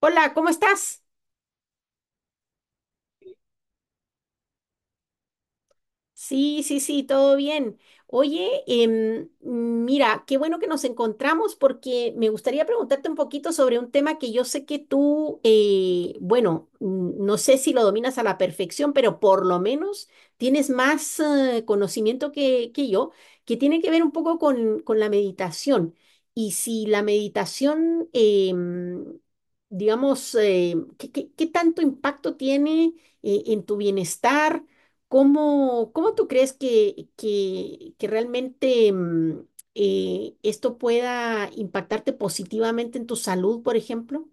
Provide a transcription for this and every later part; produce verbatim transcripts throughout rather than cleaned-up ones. Hola, ¿cómo estás? Sí, sí, sí, todo bien. Oye, em, mira, qué bueno que nos encontramos porque me gustaría preguntarte un poquito sobre un tema que yo sé que tú, eh, bueno, mm, no sé si lo dominas a la perfección, pero por lo menos tienes más eh, conocimiento que, que yo, que tiene que ver un poco con, con la meditación. Y si la meditación, em, digamos, eh, ¿qué, qué qué tanto impacto tiene eh, en tu bienestar? ¿Cómo, cómo tú crees que, que, que realmente mm, eh, esto pueda impactarte positivamente en tu salud, por ejemplo?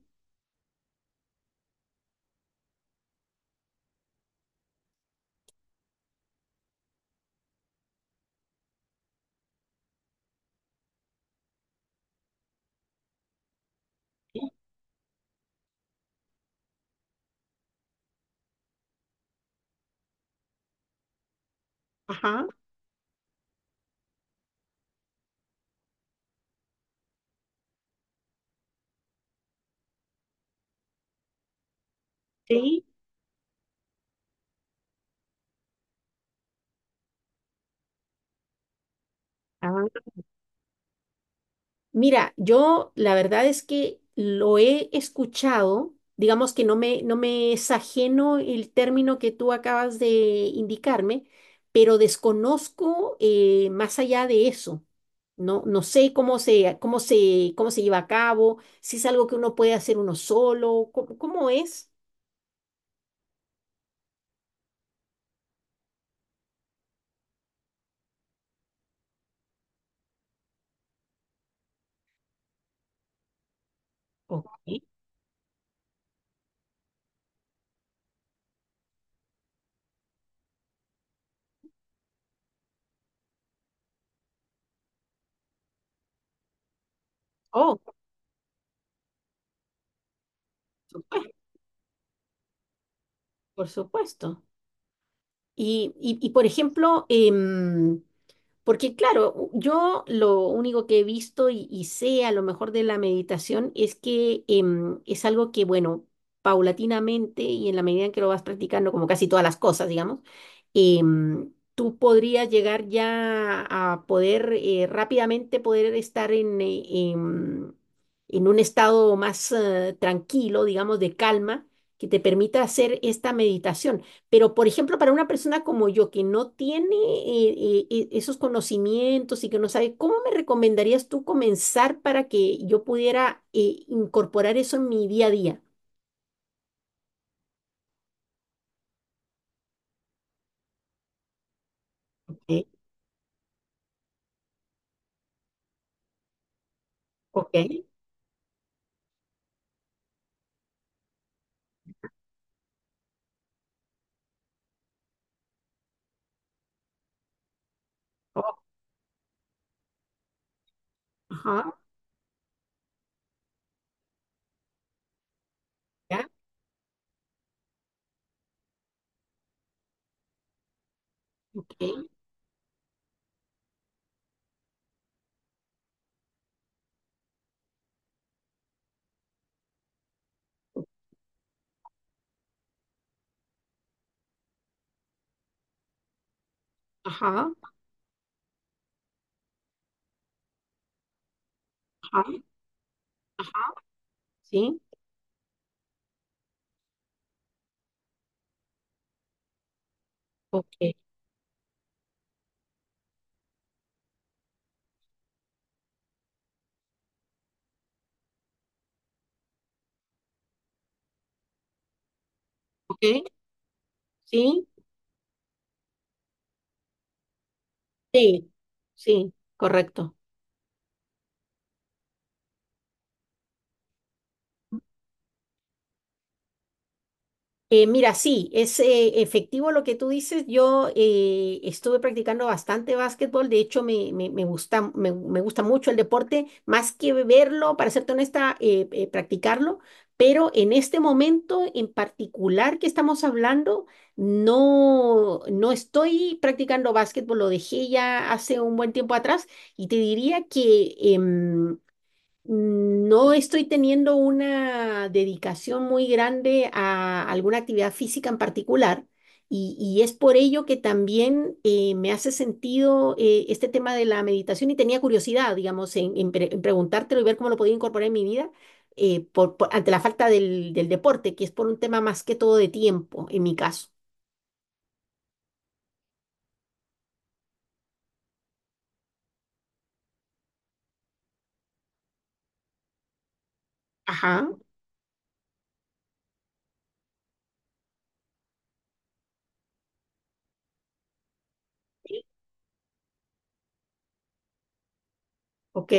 Ajá, sí. Mira, yo la verdad es que lo he escuchado, digamos que no me, no me es ajeno el término que tú acabas de indicarme, pero desconozco eh, más allá de eso. No, no sé cómo se, cómo se, cómo se lleva a cabo, si es algo que uno puede hacer uno solo, cómo, cómo es. Ok. Oh, por supuesto, por supuesto. Y, y, y, por ejemplo, em, porque claro, yo lo único que he visto y, y sé a lo mejor de la meditación es que em, es algo que, bueno, paulatinamente y en la medida en que lo vas practicando, como casi todas las cosas, digamos, em, tú podrías llegar ya a poder eh, rápidamente poder estar en, eh, em, en un estado más eh, tranquilo, digamos, de calma, que te permita hacer esta meditación. Pero, por ejemplo, para una persona como yo que no tiene eh, eh, eh, esos conocimientos y que no sabe, ¿cómo me recomendarías tú comenzar para que yo pudiera eh, incorporar eso en mi día a día? Ok, ok, oh, ajá, ya, ok, ajá, ajá, ajá, sí, ok, ok, sí, sí, sí, correcto. Eh, mira, sí, es eh, efectivo lo que tú dices. Yo eh, estuve practicando bastante básquetbol, de hecho me, me- me gusta, me, me gusta mucho el deporte, más que verlo, para serte honesta, eh, eh, practicarlo, pero en este momento en particular que estamos hablando, no, no estoy practicando básquetbol, lo dejé ya hace un buen tiempo atrás y te diría que... em, mm, no estoy teniendo una dedicación muy grande a alguna actividad física en particular y, y es por ello que también eh, me hace sentido eh, este tema de la meditación y tenía curiosidad, digamos, en, en pre- en preguntártelo y ver cómo lo podía incorporar en mi vida eh, por- por- ante la falta del, del deporte, que es por un tema más que todo de tiempo en mi caso. Ajá, ok,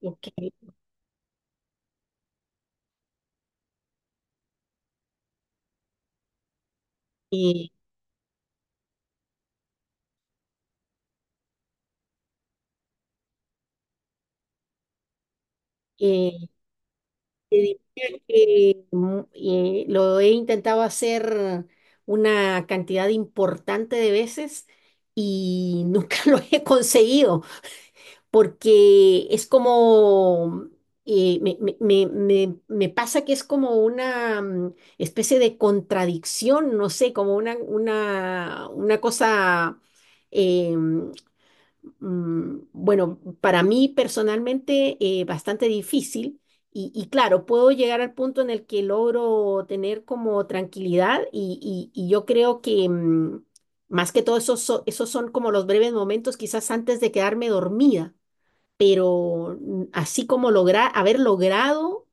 ok. Ok. Y, te diría que mm, eh, lo he intentado hacer una cantidad importante de veces y nunca lo he conseguido porque es como, eh, me, me- me- me- me pasa que es como una mm, especie de contradicción, no sé, como una, una, una cosa... em, mm, bueno, para mí personalmente eh, bastante difícil y, y claro, puedo llegar al punto en el que logro tener como tranquilidad y, y- y yo creo que mm, más que todo esos, so- esos son como los breves momentos quizás antes de quedarme dormida, pero mm, así como lograr, haber logrado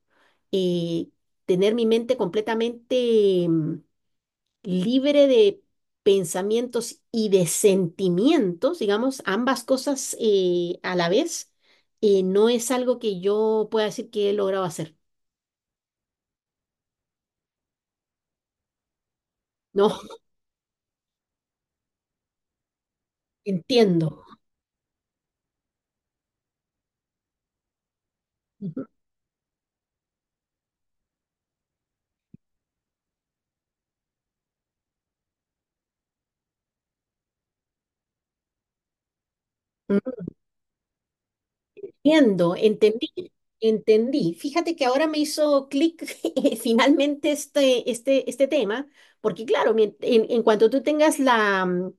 eh, tener mi mente completamente... mm, libre de pensamientos y de sentimientos, digamos, ambas cosas eh, a la vez, eh, no es algo que yo pueda decir que he logrado hacer. No, entiendo. Ujú. Entiendo, entendí, entendí. Fíjate que ahora me hizo clic eh, finalmente este, este, este tema, porque claro, mien- en, en cuanto tú tengas la, mm,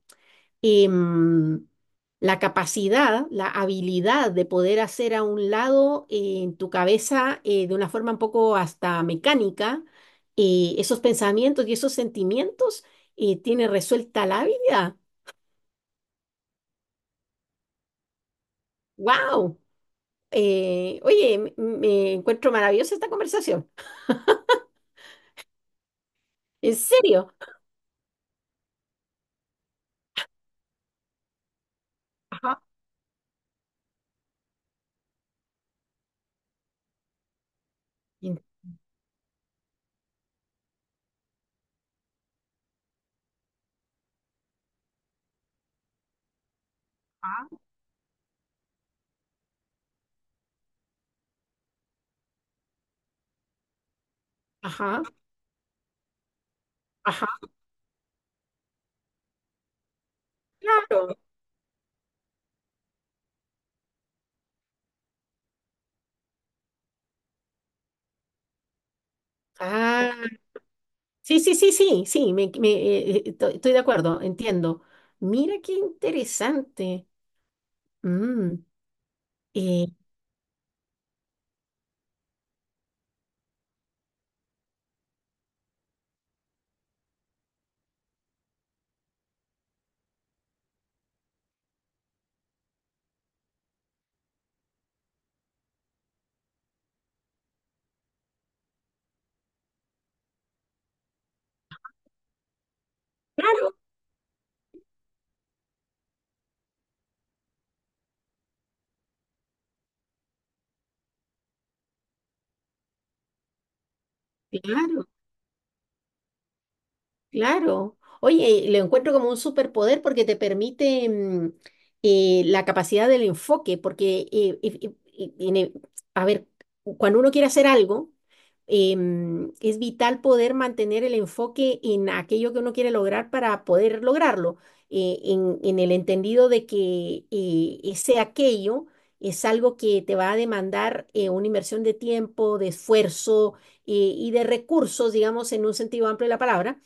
em, la capacidad, la habilidad de poder hacer a un lado eh, en tu cabeza eh, de una forma un poco hasta mecánica eh, esos pensamientos y esos sentimientos, eh, tiene resuelta la vida. ¡Wow! Oye, m- me encuentro maravillosa esta conversación. ¿En serio? Ajá. Ajá. Ajá. Ajá. Claro. Ah. Sí, sí, sí, sí, sí, me, me, eh, eh, to- estoy de acuerdo, entiendo. Mira qué interesante. Mm, eh, claro, claro. Claro. Oye, lo encuentro como un superpoder porque te permite mm, eh, la capacidad del enfoque, porque, eh, if- if- i- in e- a ver, cuando uno quiere hacer algo, em, es vital poder mantener el enfoque en aquello que uno quiere lograr para poder lograrlo, eh, en, en el entendido de que eh, ese aquello es algo que te va a demandar eh, una inversión de tiempo, de esfuerzo eh, y de recursos, digamos, en un sentido amplio de la palabra.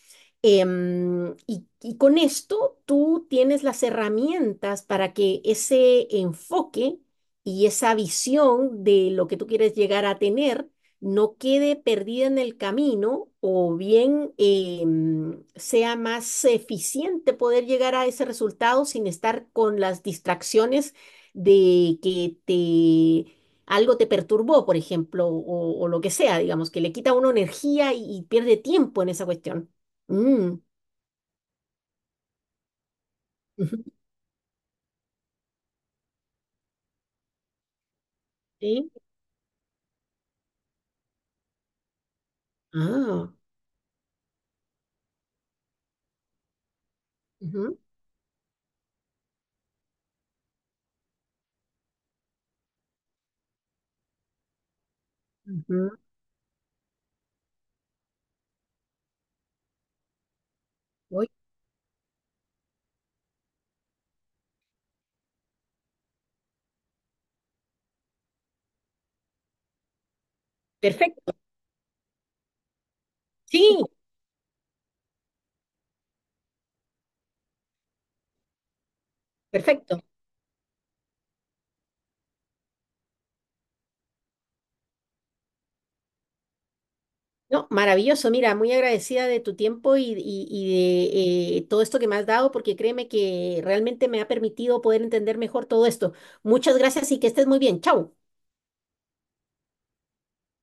Em, y, y con esto tú tienes las herramientas para que ese enfoque y esa visión de lo que tú quieres llegar a tener no quede perdida en el camino o bien em, sea más eficiente poder llegar a ese resultado sin estar con las distracciones de que te... Algo te perturbó, por ejemplo, o, o lo que sea, digamos, que le quita a uno energía y y pierde tiempo en esa cuestión. Mm, Ujú, sí. Ah, ujú, ujú. Uy. Perfecto. Sí, perfecto. No, maravilloso. Mira, muy agradecida de tu tiempo y, y- y de eh, todo esto que me has dado, porque créeme que realmente me ha permitido poder entender mejor todo esto. Muchas gracias y que estés muy bien. Chao.